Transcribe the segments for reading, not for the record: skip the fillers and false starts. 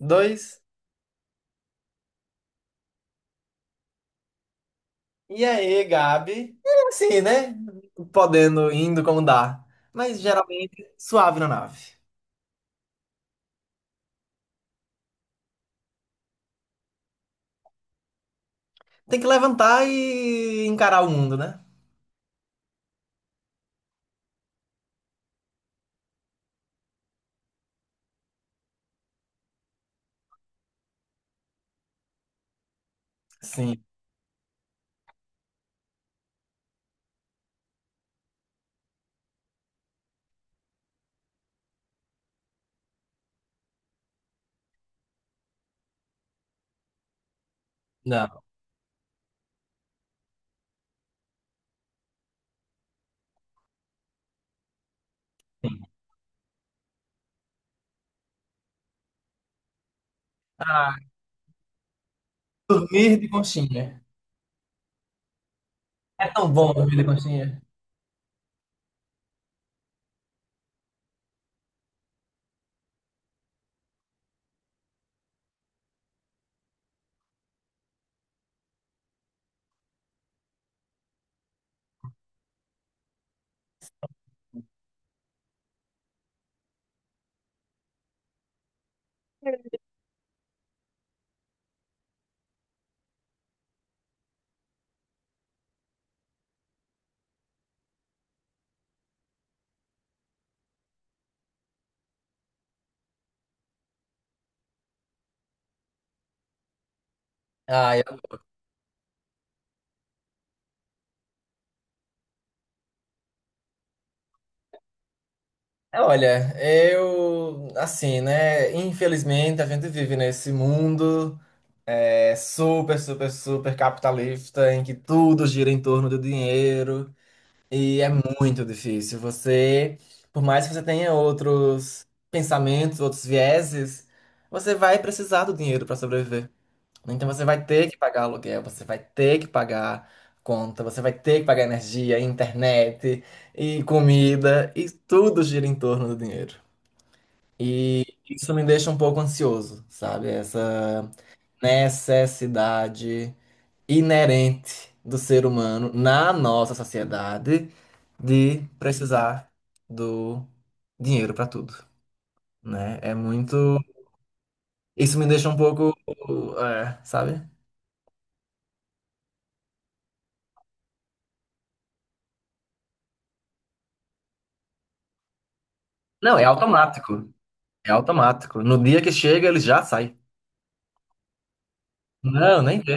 Dois. E aí, Gabi? É assim, né? Podendo, indo como dá. Mas geralmente suave na nave. Tem que levantar e encarar o mundo, né? Sim. Não. Ah, dormir de conchinha. É tão bom dormir de conchinha. Ah, eu... Olha, eu. Assim, né? Infelizmente, a gente vive nesse mundo super, super, super capitalista em que tudo gira em torno do dinheiro. E é muito difícil. Você, por mais que você tenha outros pensamentos, outros vieses, você vai precisar do dinheiro para sobreviver. Então você vai ter que pagar aluguel, você vai ter que pagar conta, você vai ter que pagar energia, internet e comida, e tudo gira em torno do dinheiro. E isso me deixa um pouco ansioso, sabe? Essa necessidade inerente do ser humano na nossa sociedade de precisar do dinheiro para tudo, né? É muito. Isso me deixa um pouco, é, sabe? Não, é automático. É automático. No dia que chega, ele já sai. Não, nem vê.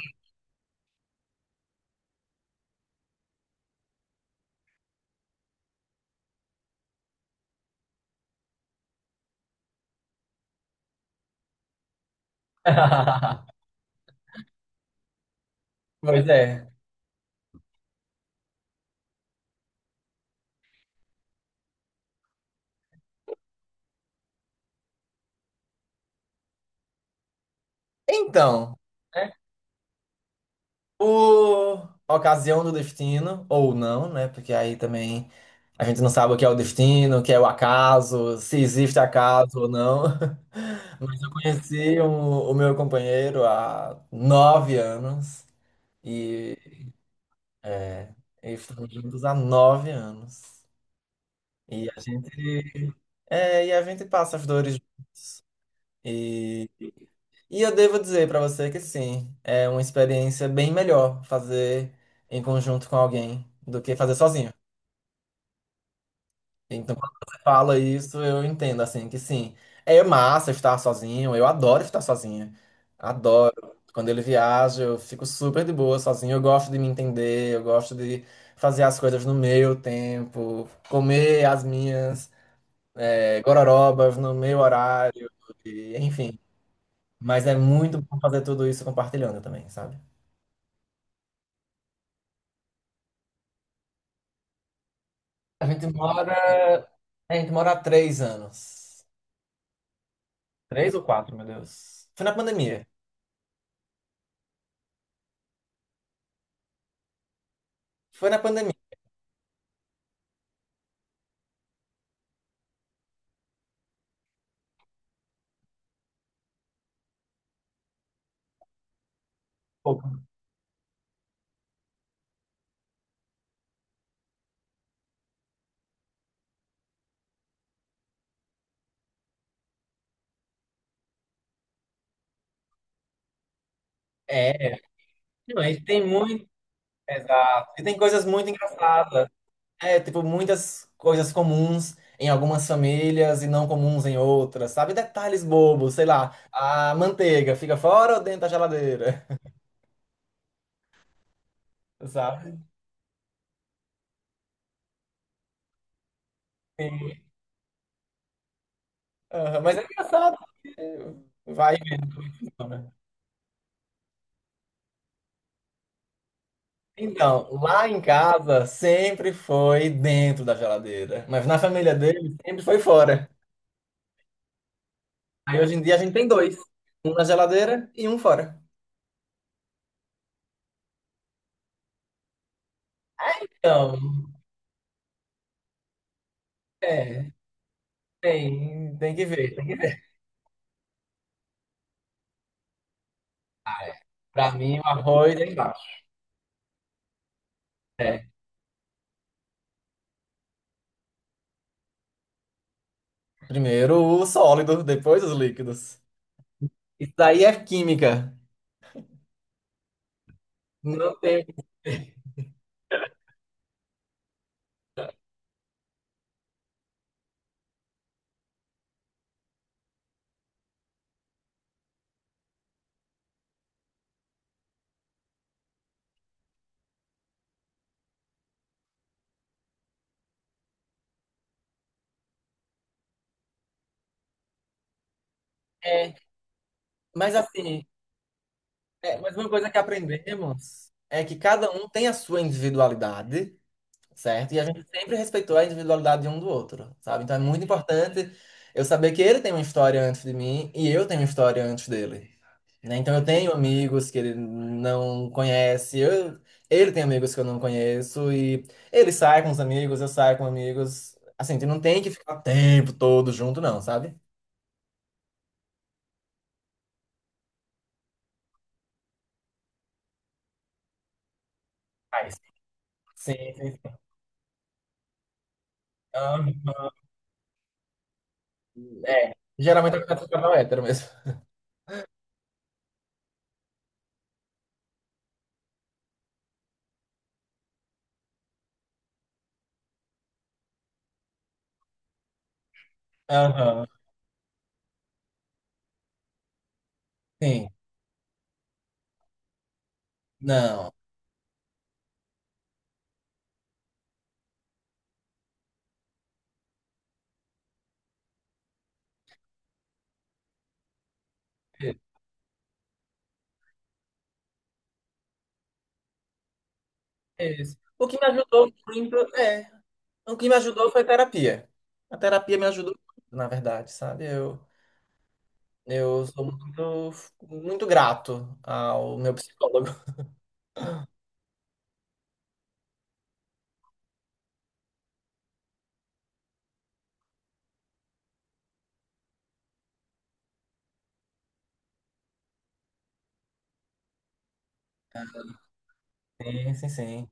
Pois é. Então, né? Por ocasião do destino, ou não, né? Porque aí também a gente não sabe o que é o destino, o que é o acaso, se existe acaso ou não. Mas eu conheci o meu companheiro há 9 anos e é, e estamos juntos há 9 anos. E a gente, é, e a gente passa as dores. E, e eu devo dizer para você que sim, é uma experiência bem melhor fazer em conjunto com alguém do que fazer sozinho. Então, quando você fala isso, eu entendo, assim, que sim. É massa estar sozinho, eu adoro estar sozinha. Adoro. Quando ele viaja, eu fico super de boa sozinho. Eu gosto de me entender, eu gosto de fazer as coisas no meu tempo, comer as minhas gororobas no meu horário, e, enfim. Mas é muito bom fazer tudo isso compartilhando também, sabe? A gente mora. A gente mora há 3 anos. Três ou quatro, meu Deus. Foi na pandemia. Foi na pandemia. É, não, e tem muito. Exato. E tem coisas muito engraçadas. É, tipo, muitas coisas comuns em algumas famílias e não comuns em outras, sabe? Detalhes bobos, sei lá. A manteiga fica fora ou dentro da geladeira, sabe? Aham, mas é engraçado. Porque vai. E né? Então, lá em casa sempre foi dentro da geladeira, mas na família dele sempre foi fora. Aí hoje em dia a gente tem dois, um na geladeira e um fora. Então, é. Tem, tem que ver, tem que ver. Ah, é. Pra mim, o arroz é embaixo. É. Primeiro o sólido, depois os líquidos. Isso daí é química. Não tem. É, mas assim, é, mas uma coisa que aprendemos é que cada um tem a sua individualidade, certo? E a gente sempre respeitou a individualidade de um do outro, sabe? Então é muito importante eu saber que ele tem uma história antes de mim e eu tenho uma história antes dele. Né? Então eu tenho amigos que ele não conhece, eu, ele tem amigos que eu não conheço, e ele sai com os amigos, eu saio com amigos. Assim, tu não tem que ficar o tempo todo junto, não, sabe? Mas, sim, sim, sim. Aham. É, geralmente eu quero ficar no hétero mesmo. Aham. Sim, não. Isso. O que me ajudou muito, é, o que me ajudou foi a terapia. A terapia me ajudou muito, na verdade, sabe? Eu sou muito, muito grato ao meu psicólogo. Sim, sim, sim.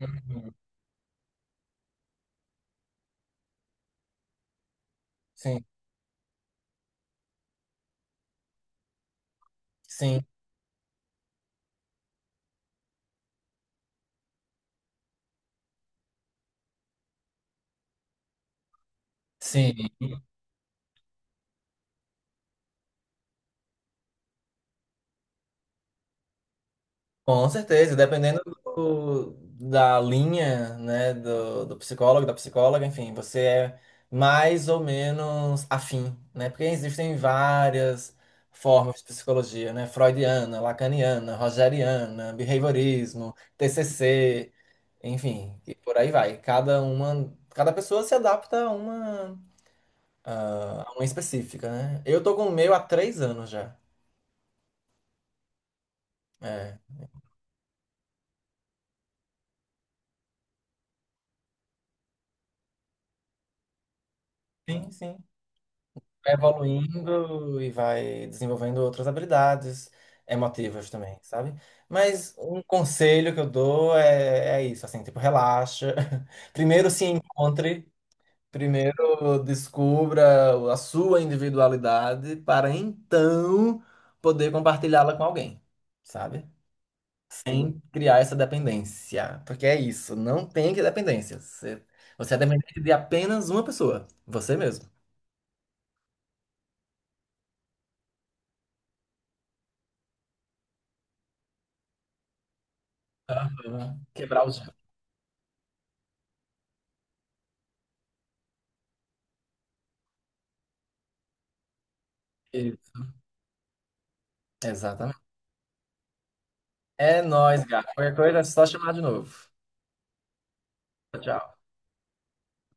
Uhum. Sim, sim, sim. Com certeza, dependendo do- da linha, né, do, do psicólogo, da psicóloga, enfim, você é mais ou menos afim, né? Porque existem várias formas de psicologia, né? Freudiana, lacaniana, rogeriana, behaviorismo, TCC, enfim, e por aí vai. Cada uma, cada pessoa se adapta a uma, a uma específica, né? Eu tô com o meu há 3 anos já. É. Sim, sim. Vai evoluindo e vai desenvolvendo outras habilidades emotivas também, sabe? Mas um conselho que eu dou é, é isso, assim, tipo, relaxa. Primeiro se encontre, primeiro descubra a sua individualidade para então poder compartilhá-la com alguém, sabe? Sem criar essa dependência. Porque é isso, não tem que dependência. Você, você é dependente de apenas uma pessoa, você mesmo. Aham. Quebrar os. Isso. Exatamente. É nóis, gato. Qualquer coisa é só chamar de novo. Tchau.